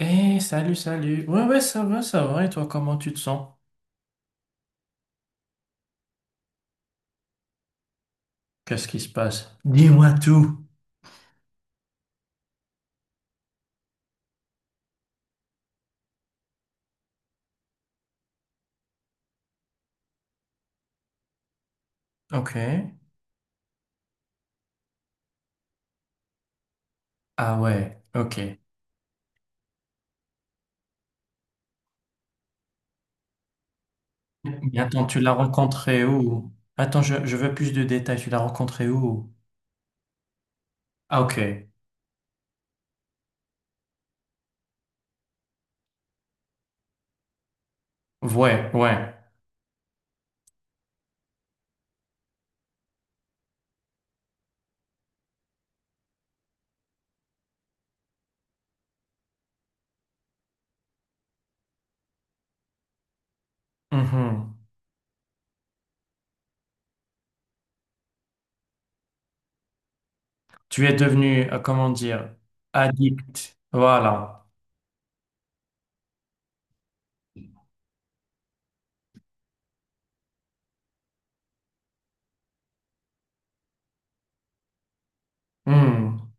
Eh, salut, salut. Ouais, ouais, ça va, ça va. Et toi, comment tu te sens? Qu'est-ce qui se passe? Dis-moi tout. Ok. Ah ouais, ok. Mais attends, tu l'as rencontré où? Attends, je veux plus de détails. Tu l'as rencontré où? Ah, ok. Ouais, ouais. Mhm. Tu es devenu, comment dire, addict. Voilà. Hmm.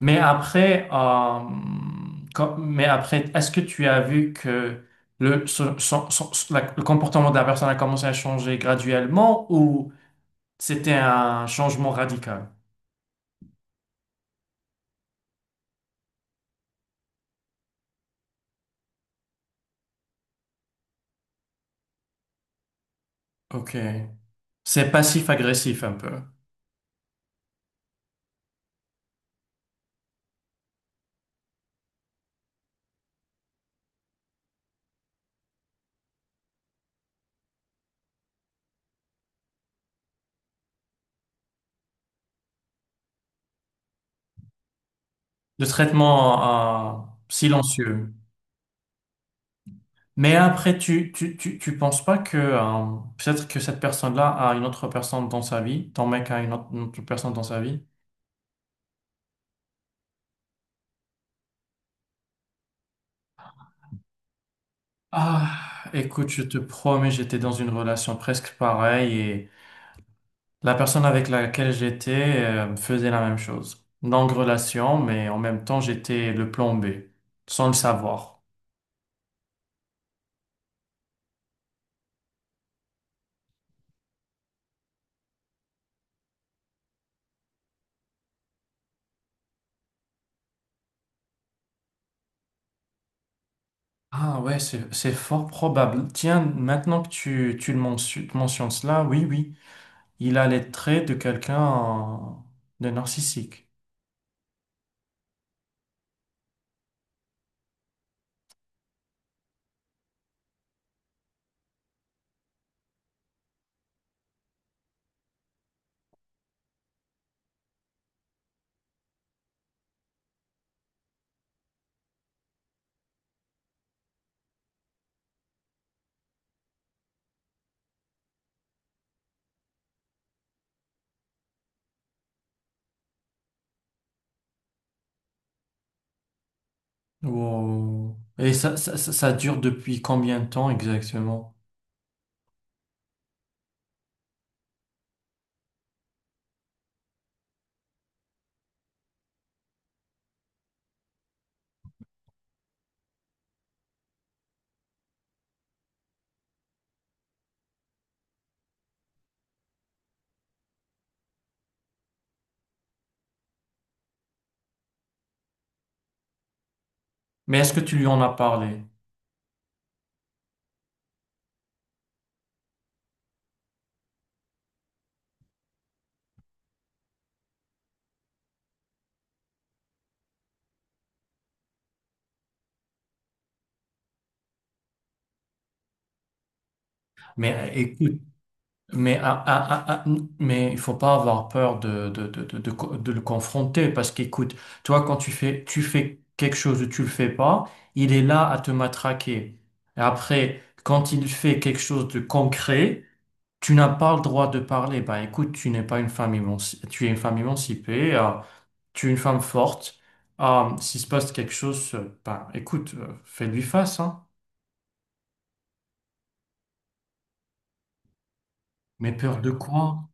Mais après, mais après, est-ce que tu as vu que le comportement de la personne a commencé à changer graduellement ou c'était un changement radical? Ok. C'est passif-agressif un peu. De traitement, silencieux. Mais après, tu penses pas que peut-être que cette personne-là a une autre personne dans sa vie, ton mec a une autre personne dans sa vie? Ah, écoute, je te promets, j'étais dans une relation presque pareille et la personne avec laquelle j'étais faisait la même chose. Longue relation, mais en même temps, j'étais le plan B, sans le savoir. Ah ouais, c'est fort probable. Tiens, maintenant que tu le mentionnes, mentionnes cela, oui, oui, il a les traits de quelqu'un de narcissique. Wow. Et ça dure depuis combien de temps exactement? Mais est-ce que tu lui en as parlé? Mais écoute, mais, mais il faut pas avoir peur de le confronter parce qu'écoute, toi, quand tu fais quelque chose ou tu le fais pas, il est là à te matraquer. Et après, quand il fait quelque chose de concret, tu n'as pas le droit de parler. Ben écoute, tu n'es pas une femme émancipée, tu es une femme émancipée. Tu es une femme forte. Ah, s'il se passe quelque chose, ben, écoute, fais-lui face, hein. Mais peur de quoi?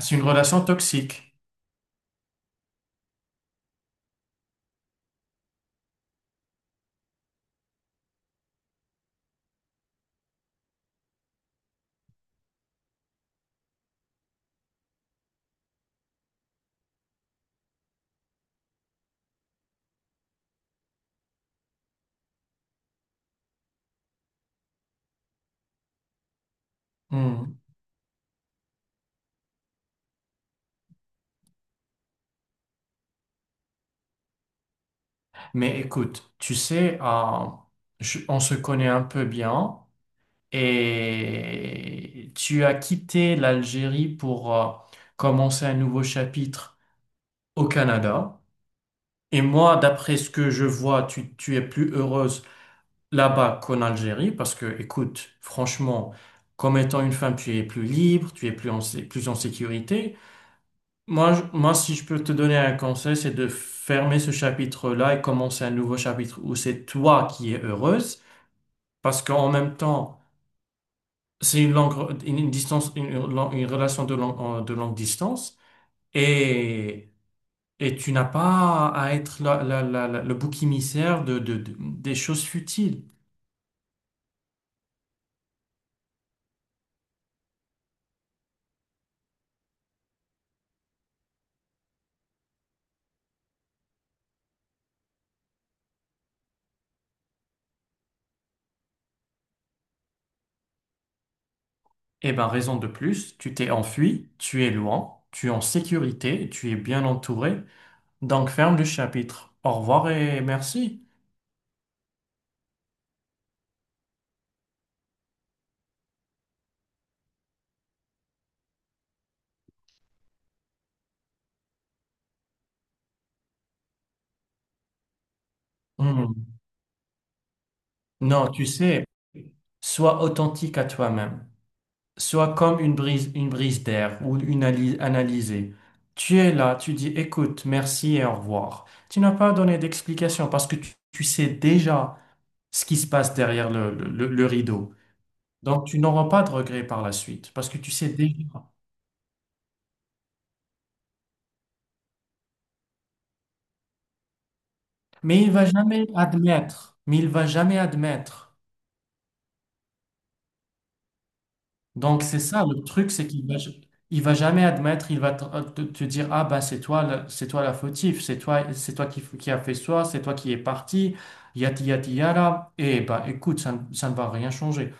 C'est une relation toxique. Hmm. Mais écoute, tu sais, on se connaît un peu bien et tu as quitté l'Algérie pour commencer un nouveau chapitre au Canada. Et moi, d'après ce que je vois, tu es plus heureuse là-bas qu'en Algérie parce que, écoute, franchement, comme étant une femme, tu es plus libre, tu es plus en, plus en sécurité. Moi, si je peux te donner un conseil, c'est de fermer ce chapitre-là et commencer un nouveau chapitre où c'est toi qui es heureuse parce qu'en même temps, c'est une langue, une distance, une relation de longue distance et, et tu n'as pas à être le bouc émissaire de des choses futiles. Eh ben, raison de plus, tu t'es enfui, tu es loin, tu es en sécurité, tu es bien entouré. Donc, ferme le chapitre. Au revoir et merci. Hmm. Non, tu sais, sois authentique à toi-même. Sois comme une brise d'air ou une analysée. Tu es là, tu dis écoute, merci et au revoir. Tu n'as pas donné d'explication parce que tu sais déjà ce qui se passe derrière le rideau. Donc, tu n'auras pas de regrets par la suite parce que tu sais déjà. Mais il va jamais admettre. Mais il va jamais admettre. Donc c'est ça le truc, c'est qu'il va, il va jamais admettre. Il va te, te dire ah bah c'est toi, c'est toi la fautive, c'est toi qui a fait ça, c'est toi qui est parti, yati yati yara. Et bah écoute, ça ne va rien changer.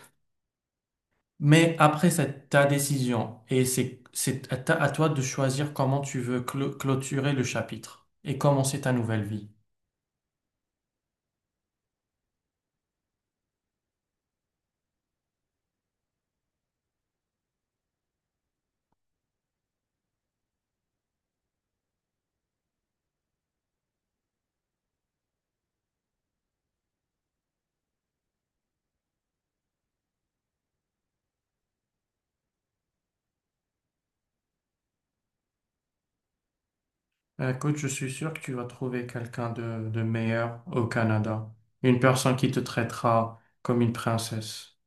Mais après c'est ta décision et c'est à à toi de choisir comment tu veux clôturer le chapitre et commencer ta nouvelle vie. Écoute, je suis sûr que tu vas trouver quelqu'un de meilleur au Canada. Une personne qui te traitera comme une princesse.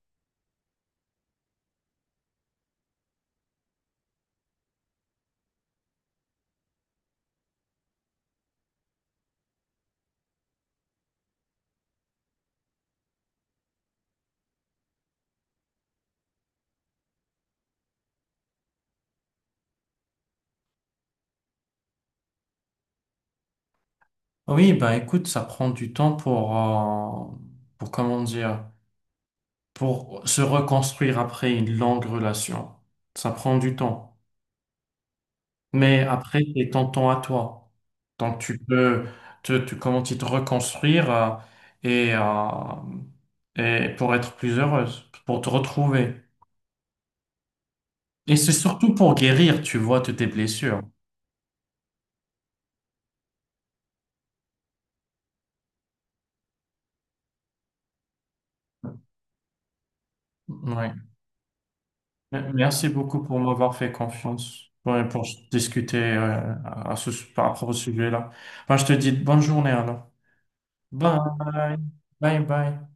Oui, ben écoute, ça prend du temps pour comment dire, pour se reconstruire après une longue relation. Ça prend du temps. Mais après, c'est ton temps à toi. Donc tu peux comment dire, te reconstruire et, euh, et pour être plus heureuse, pour te retrouver. Et c'est surtout pour guérir, tu vois, de tes blessures. Oui. Merci beaucoup pour m'avoir fait confiance ouais, pour discuter à ce, par rapport au sujet-là. Enfin, je te dis bonne journée alors. Bye. Bye bye.